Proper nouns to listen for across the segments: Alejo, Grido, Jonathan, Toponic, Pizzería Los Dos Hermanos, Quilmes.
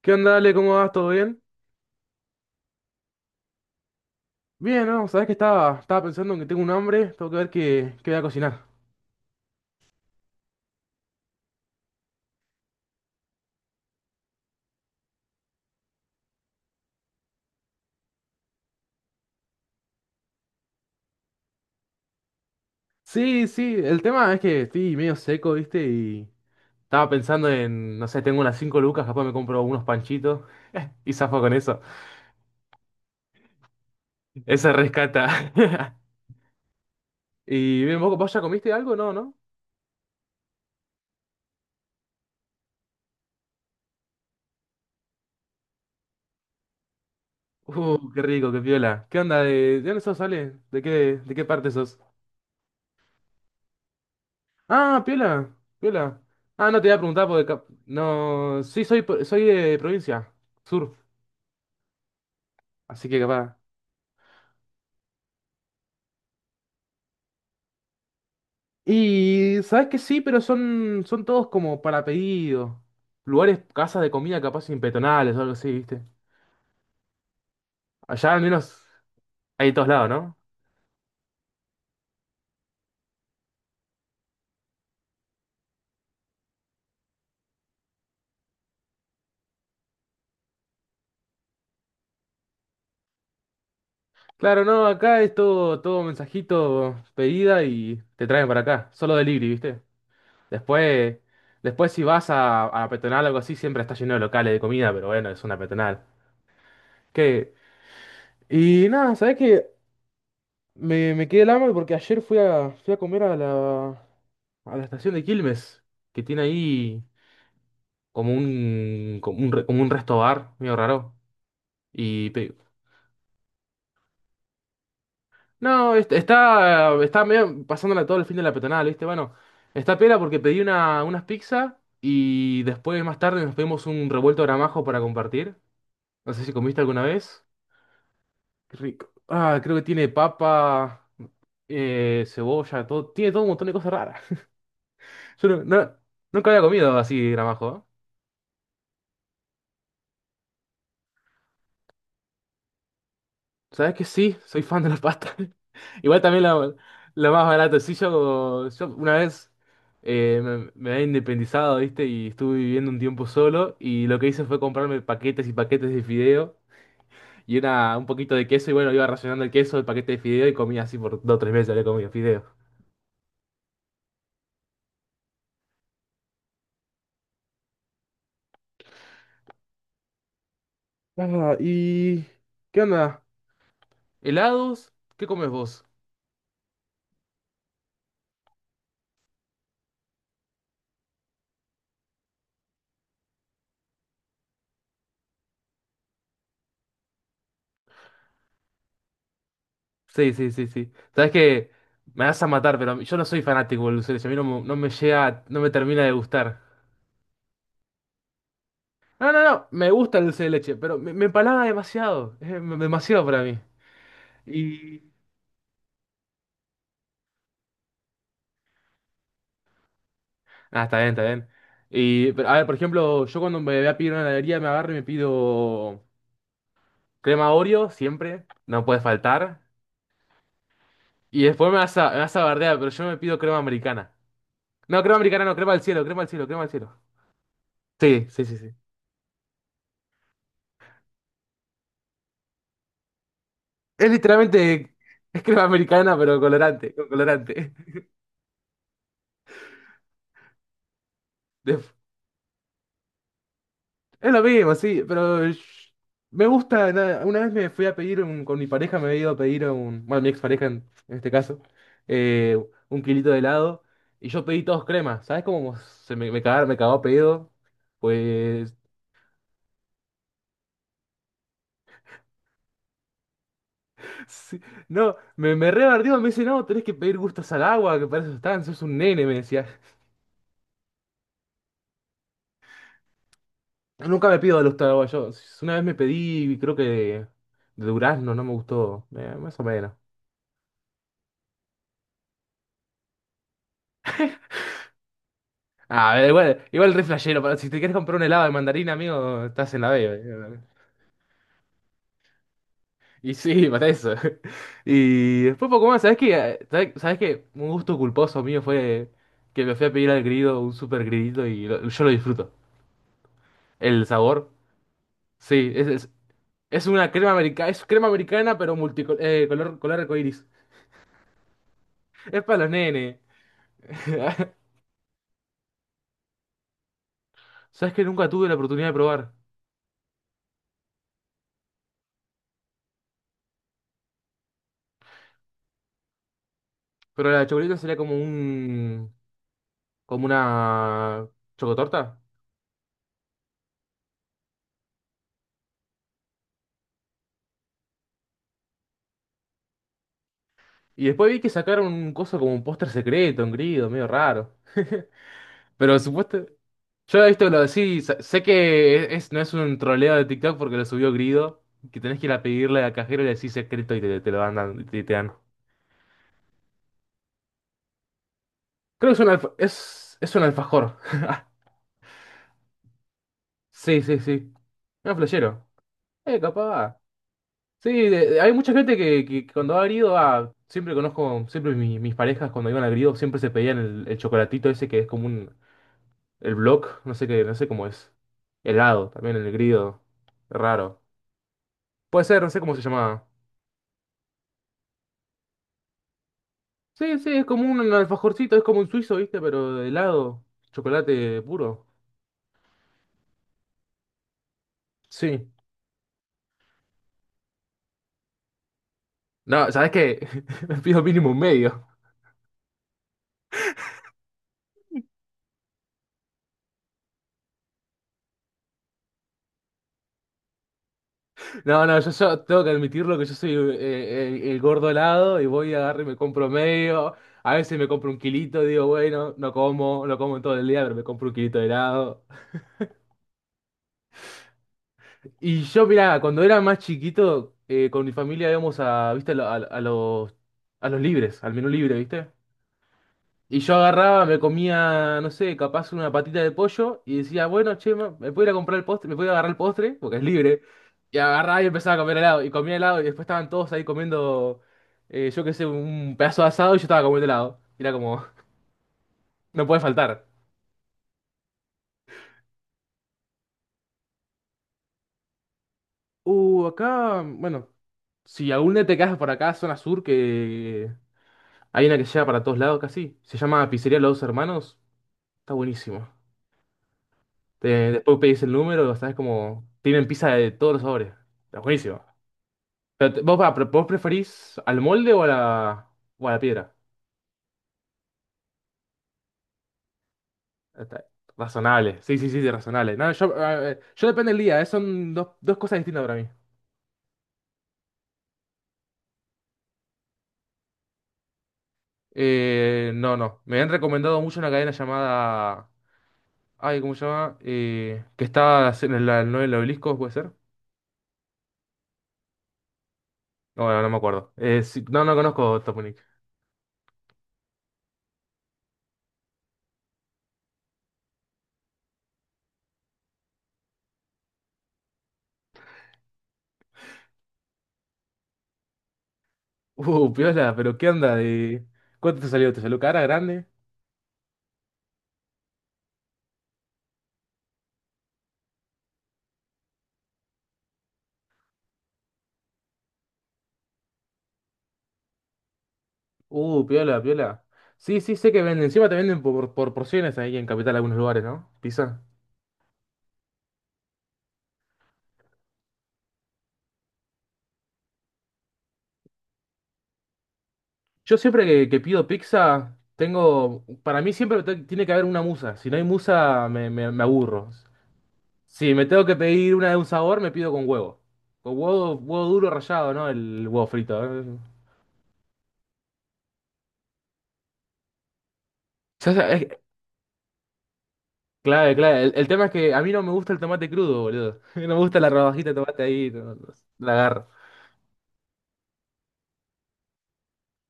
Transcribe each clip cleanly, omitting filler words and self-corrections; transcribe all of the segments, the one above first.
¿Qué onda, Ale? ¿Cómo vas? ¿Todo bien? Bien, ¿no? Sabes que estaba pensando en que tengo un hambre, tengo que ver qué voy a cocinar. Sí, sí, el tema es que estoy medio seco, ¿viste? Y estaba pensando en, no sé, tengo unas 5 lucas, capaz me compro unos panchitos y zafo con eso. Ese rescata. Y bien, ¿vos ya comiste algo? No, ¿no? Qué rico, qué piola. ¿Qué onda? ¿De dónde sos, Ale? ¿De qué parte sos? Ah, piola, piola. Ah, no te voy a preguntar porque... No, sí, soy de provincia, sur. Así que capaz. Y sabes que sí, pero son todos como para pedido. Lugares, casas de comida capaz impetonales o algo así, ¿viste? Allá al menos hay de todos lados, ¿no? Claro, no, acá es todo mensajito, pedida y te traen para acá. Solo delivery, ¿viste? Después, después si vas a la peatonal o algo así, siempre está lleno de locales de comida, pero bueno, es una peatonal. Qué Y nada, ¿sabes qué? Me quedé el hambre porque ayer fui a comer a la estación de Quilmes, que tiene ahí como un resto bar, medio raro. Y no, está medio pasándola todo el fin de la peatonal, ¿viste? Bueno, está pela porque pedí unas pizzas y después más tarde nos pedimos un revuelto de gramajo para compartir. No sé si comiste alguna vez. Qué rico. Ah, creo que tiene papa, cebolla, todo, tiene todo un montón de cosas raras. Yo nunca había comido así gramajo. ¿Sabes que sí? Soy fan de la pasta. Igual también la más barata. Sí, yo una vez me había independizado, ¿viste? Y estuve viviendo un tiempo solo. Y lo que hice fue comprarme paquetes y paquetes de fideo. Y un poquito de queso. Y bueno, iba racionando el queso, el paquete de fideo. Y comía así por 2 o 3 meses. Había comido fideo. Ah, ¿y qué onda? ¿Helados? ¿Qué comes vos? Sí, sí, sí, sí. Sabes que me vas a matar, pero yo no soy fanático del dulce de leche. A mí no, no me llega, no me termina de gustar. No, no, no, me gusta el dulce de leche, pero me empalaga demasiado. Es demasiado para mí. Y. Ah, está bien, está bien. Y, pero, a ver, por ejemplo, yo cuando me voy a pedir una heladería me agarro y me pido crema Oreo, siempre. No puede faltar. Y después me vas a bardear, pero yo me pido crema americana. No, crema americana, no, crema al cielo, crema al cielo, crema al cielo. Sí, sí, sí, sí. Es literalmente es crema americana, pero colorante, con colorante. De- es lo mismo, sí, pero me gusta. Nada, una vez me fui a pedir con mi pareja, me había ido a pedir bueno, mi expareja en este caso, eh, un kilito de helado, y yo pedí todos crema. ¿Sabes cómo se me cagaron, me cagó pedido? Pues, sí, no, me re bardeó, me dice, no, tenés que pedir gustos al agua, que para eso están, sos un nene, me decía. Nunca me pido de los taraguayos. Una vez me pedí, creo que de durazno, no me gustó. Más o menos. Ah, igual re flashero, pero si te quieres comprar un helado de mandarina, amigo, estás en la B. Y sí, para eso. Y después poco más, ¿sabes qué? ¿Sabes qué? Un gusto culposo mío fue que me fui a pedir al grido un super gridito y yo lo disfruto. El sabor, sí, es una crema americana, es crema americana, pero multicolor, color arcoíris. Es para los nenes. Sabes que nunca tuve la oportunidad de probar, pero la chocolate sería como una chocotorta. Y después vi que sacaron un coso como un póster secreto, un grido, medio raro. Pero supuesto, yo he visto lo de sí, sé que es, no es un troleo de TikTok porque lo subió Grido, que tenés que ir a pedirle al cajero y le decís secreto y te lo van dando, y te dan. Creo que es un alfajor. Sí, sí, sí. Un flashero. Capaz. Sí, hay mucha gente que cuando ha grido, siempre conozco, siempre mis parejas cuando iban a grido siempre se pedían el chocolatito ese que es el block, no sé qué, no sé cómo es, helado también el grido, raro. Puede ser, no sé cómo se llamaba. Sí, sí, es como un alfajorcito, es como un suizo, ¿viste? Pero de helado, chocolate puro. Sí. No, ¿sabes qué? Me pido mínimo un medio. No, no, yo tengo que admitirlo que yo soy el gordo helado y voy a agarrar y me compro medio. A veces me compro un kilito, digo, bueno, no como en todo el día, pero me compro un kilito de helado. Y yo, mirá, cuando era más chiquito, con mi familia íbamos viste, a, lo- a los libres, al menú libre, ¿viste? Y yo agarraba, me comía, no sé, capaz una patita de pollo y decía, bueno, che, ma, me puedo ir a comprar el postre, me puedo ir a agarrar el postre, porque es libre. Y agarraba y empezaba a comer helado. Y comía helado y después estaban todos ahí comiendo, yo qué sé, un pedazo de asado y yo estaba comiendo helado. Y era como, no puede faltar. Acá, bueno, si algún día te quedas por acá, zona sur, que hay una que llega para todos lados casi. Se llama Pizzería Los Dos Hermanos. Está buenísimo. Te- Después pedís el número, sabes como, tienen pizza de todos los sabores. Está buenísimo. Pero ¿vos preferís al molde o o a la piedra? Está- Razonable, sí, sí, sí, sí, razonable. No, yo depende del día, son dos cosas distintas para mí. No, no, me han recomendado mucho una cadena llamada... Ay, ¿cómo se llama? Que está en el obelisco, ¿puede ser? No, no, no me acuerdo. Sí, no, no conozco Toponic. Piola, pero ¿qué onda? ¿Cuánto te salió? ¿Te salió cara grande? Piola, piola. Sí, sí, sé que venden. Encima te venden por porciones ahí en Capital, algunos lugares, ¿no? Pizza. Yo siempre que pido pizza, tengo. Para mí siempre tiene que haber una musa. Si no hay musa, me aburro. Si me tengo que pedir una de un sabor, me pido con huevo. Con huevo, huevo duro rallado, ¿no? El huevo frito. ¿Eh? Ya sabes, clave, clave. El tema es que a mí no me gusta el tomate crudo, boludo. No me gusta la rodajita de tomate ahí. La agarro.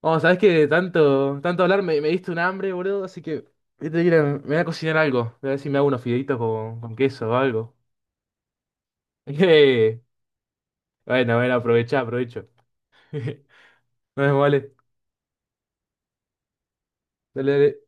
Oh, sabes que de tanto, tanto hablar me diste un hambre, boludo, así que voy a tener que ir me voy a cocinar algo. Voy a ver si me hago unos fideitos con queso o algo. Bueno, bueno, aprovecha, aprovecho. Nos vemos, vale. Dale, dale.